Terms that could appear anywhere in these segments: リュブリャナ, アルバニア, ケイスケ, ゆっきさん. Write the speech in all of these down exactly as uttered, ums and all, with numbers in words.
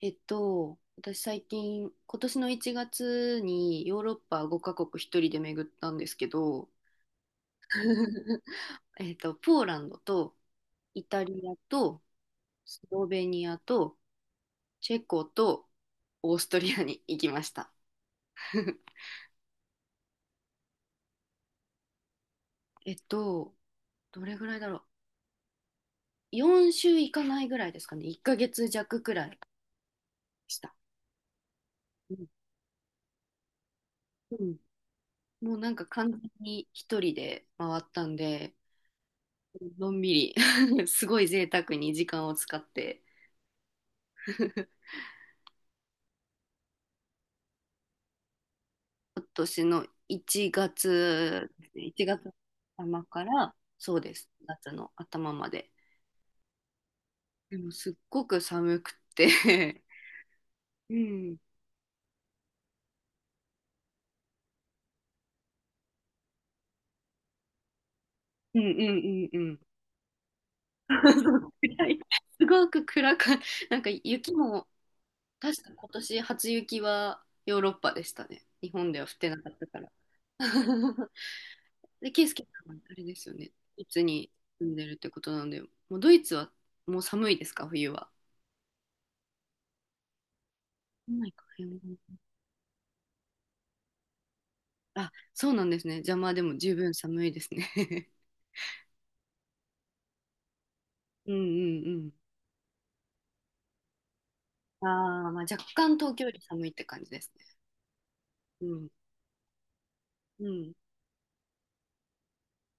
えっと、私最近、今年のいちがつにヨーロッパごかこくカ国一人で巡ったんですけど、えっと、ポーランドとイタリアとスロベニアとチェコとオーストリアに行きました。えっと、どれぐらいだろう。よんしゅう週行かないぐらいですかね。いっかげつ弱くらいでした。うん。うん、もうなんか完全に一人で回ったんで、のんびり すごい贅沢に時間を使って 今年のいちがつですね、いちがつの頭から、そうです、夏の頭まで。でもすっごく寒くて うん、うんうんうんうん。暗い。すごく暗か、なんか雪も、確か今年初雪はヨーロッパでしたね。日本では降ってなかったから。で、ケイスケさんはあれですよね。ドイツに住んでるってことなんで、もうドイツはもう寒いですか、冬は。寒いかあ、そうなんですね。邪魔でも十分寒いですね。うんうんうん。ああ、まあ若干東京より寒いって感じですね。うんうん。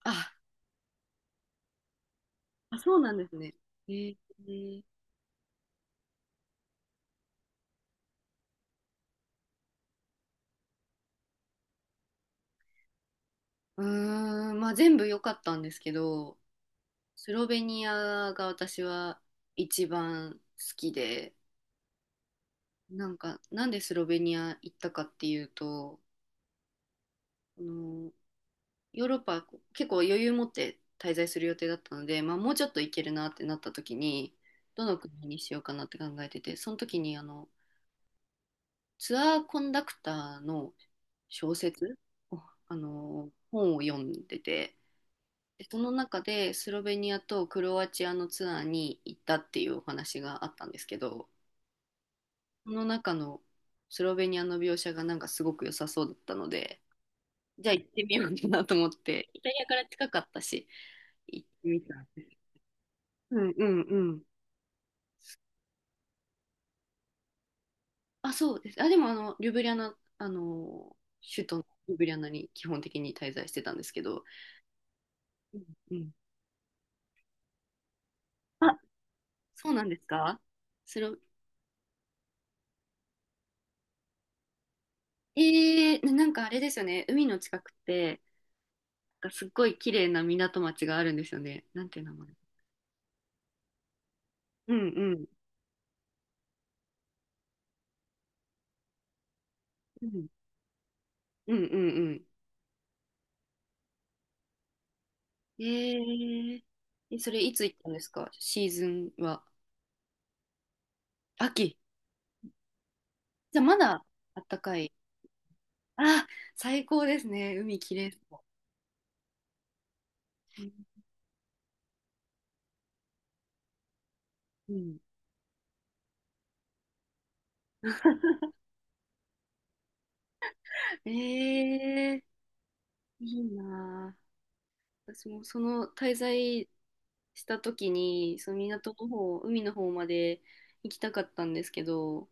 あ、あ、そうなんですね。えー、うーん、まあ全部良かったんですけど、スロベニアが私は一番好きで、なんかなんでスロベニア行ったかっていうと、あのヨーロッパ結構余裕持って滞在する予定だったので、まあ、もうちょっと行けるなってなった時に、どの国にしようかなって考えてて、その時にあのツアーコンダクターの小説を、あの本を読んでて、でその中でスロベニアとクロアチアのツアーに行ったっていうお話があったんですけど、その中のスロベニアの描写がなんかすごく良さそうだったので、じゃあ行ってみようかなと思って、イタリアから近かったし、行ってみたんです。うんうんうん。あ、そうです。あ、でもあの、リュブリャナ、あの、首都のリュブリャナに基本的に滞在してたんですけど、うんうん。あ、そうなんですか？それを、えー、ななんかあれですよね、海の近くって、なんかすっごい綺麗な港町があるんですよね。なんていう名前。うんうんうんうんうんうん。えー、えそれいつ行ったんですか？シーズンは。秋。じゃあまだあったかい。あ、最高ですね。海きれいそう。うんうん。えー、いいなあ。私もその滞在した時に、その港の方、海の方まで行きたかったんですけど、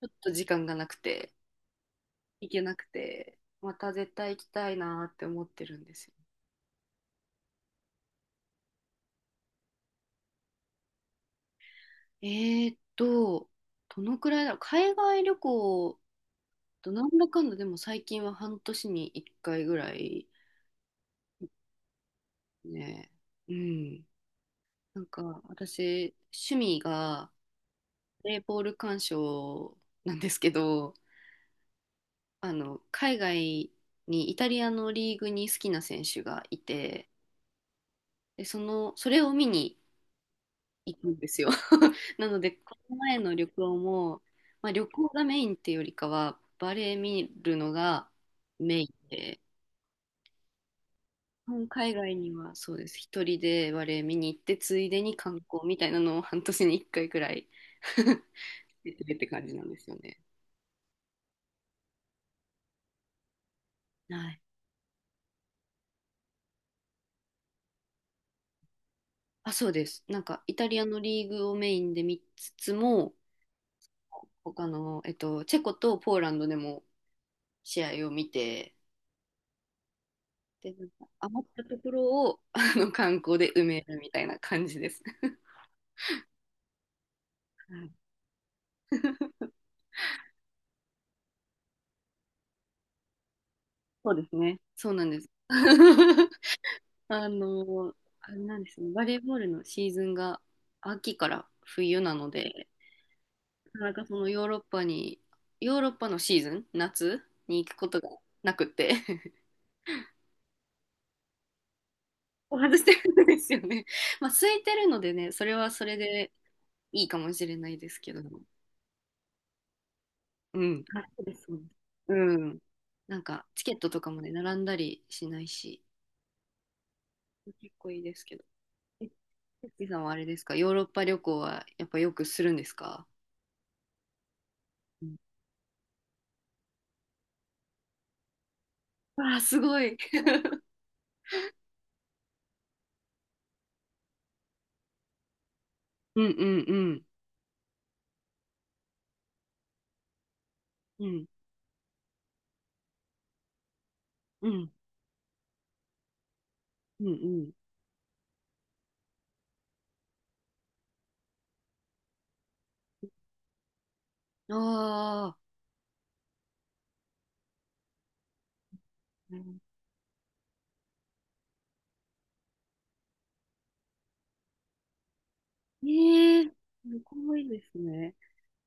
ちょっと時間がなくて、行けなくて、また絶対行きたいなって思ってるんですよ。えーっと、どのくらいだろう。海外旅行、となんだかんだでも最近は半年にいっかいぐらい。ね。うん。なんか、私、趣味が、プレーボール鑑賞なんですけど、あの、海外に、イタリアのリーグに好きな選手がいて、で、その、それを見に行くんですよ。なので、この前の旅行も、まあ、旅行がメインっていうよりかは、バレー見るのがメインで、うん、海外にはそうです。一人でバレー見に行って、ついでに観光みたいなのを半年に一回くらい 出てるって感じなんですよね。はい。あ、そうです。なんかイタリアのリーグをメインで見つつも、他の、えっと、チェコとポーランドでも試合を見て、で、なんか余ったところを あの観光で埋めるみたいな感じです。はい、そうですね。そうなんです。あの、あれなんですね、バレーボールのシーズンが秋から冬なので、なんかそのヨーロッパに、ヨーロッパのシーズン、夏に行くことがなくって 外してるんですよね。まあ、空いてるのでね、それはそれでいいかもしれないですけど、うん。あ、そうです、そうです、うん。なんか、チケットとかもね、並んだりしないし、結構いいですけど。え、ゆっきさんはあれですか、ヨーロッパ旅行はやっぱよくするんですか？うん、わあ、すごい。うんうんうん。うんうんうんうん。ああ。ええ、すごいですね。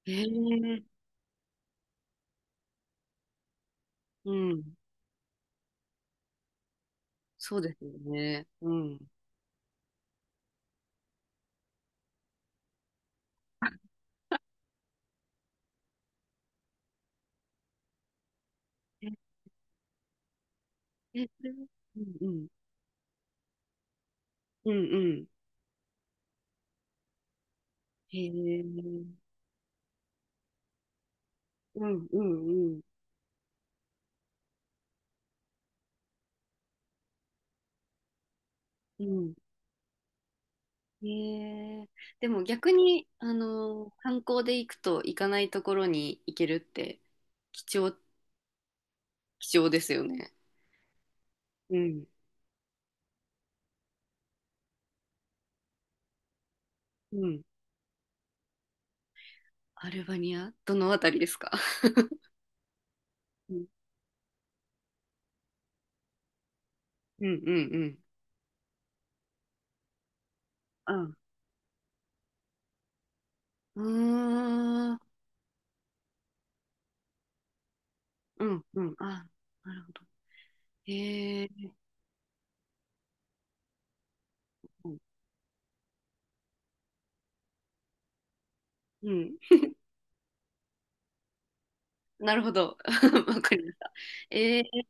ええ、うん。そうですよね。うん。え、え、それは。うんうん。うんうん。へえ、うんうんうん。うん。へえ、でも逆に、あの、観光で行くと行かないところに行けるって貴重、貴重ですよね。うん。うん。アルバニアどのあたりですか？うんうんうんうん。あ、うーん。うんうん。あ、なるほど。えー、うん、なるほど。わかりました。えー、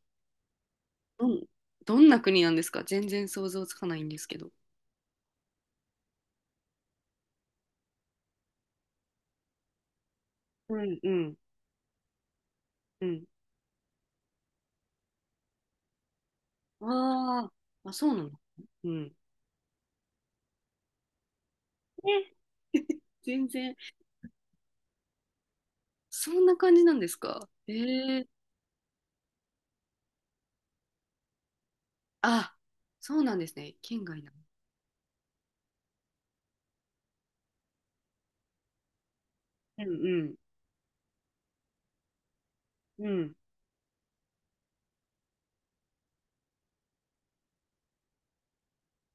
うん、どんな国なんですか？全然想像つかないんですけど。うん、うん、うん。あーあ、そうなんだ。うん。え、全然、そんな感じなんですか？えー、あ、そうなんですね。県外なの。うんうん、うん。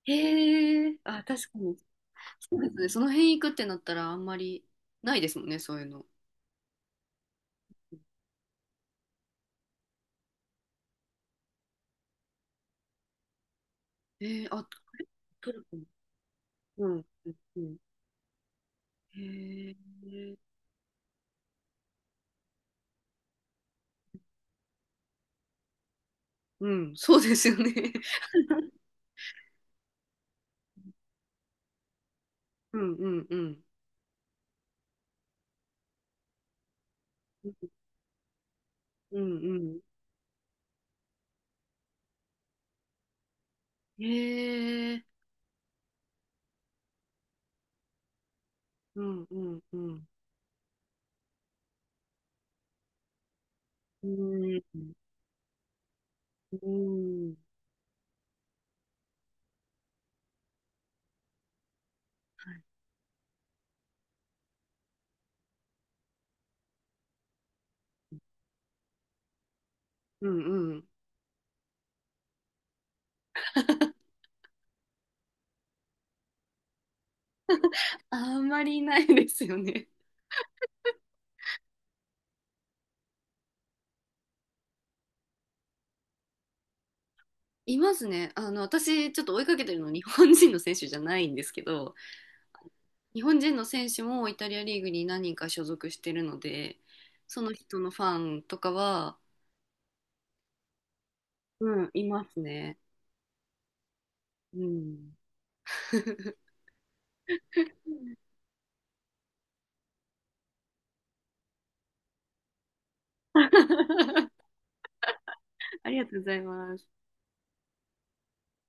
へえ、あ、確かに。そうですね。その辺行くってなったらあんまりないですもんね、そういうの。えー、あ、トルコも。うん、うん、へえ、うん、そうですよね。うんうんうん。うんうん。へえ、うんうんうん。うん、うん、はい。うんうん。あんまりいないですよね。いますね。あの、私、ちょっと追いかけてるの日本人の選手じゃないんですけど、日本人の選手もイタリアリーグに何人か所属してるので、その人のファンとかは、うん、いますね。うん。ありがとうございます。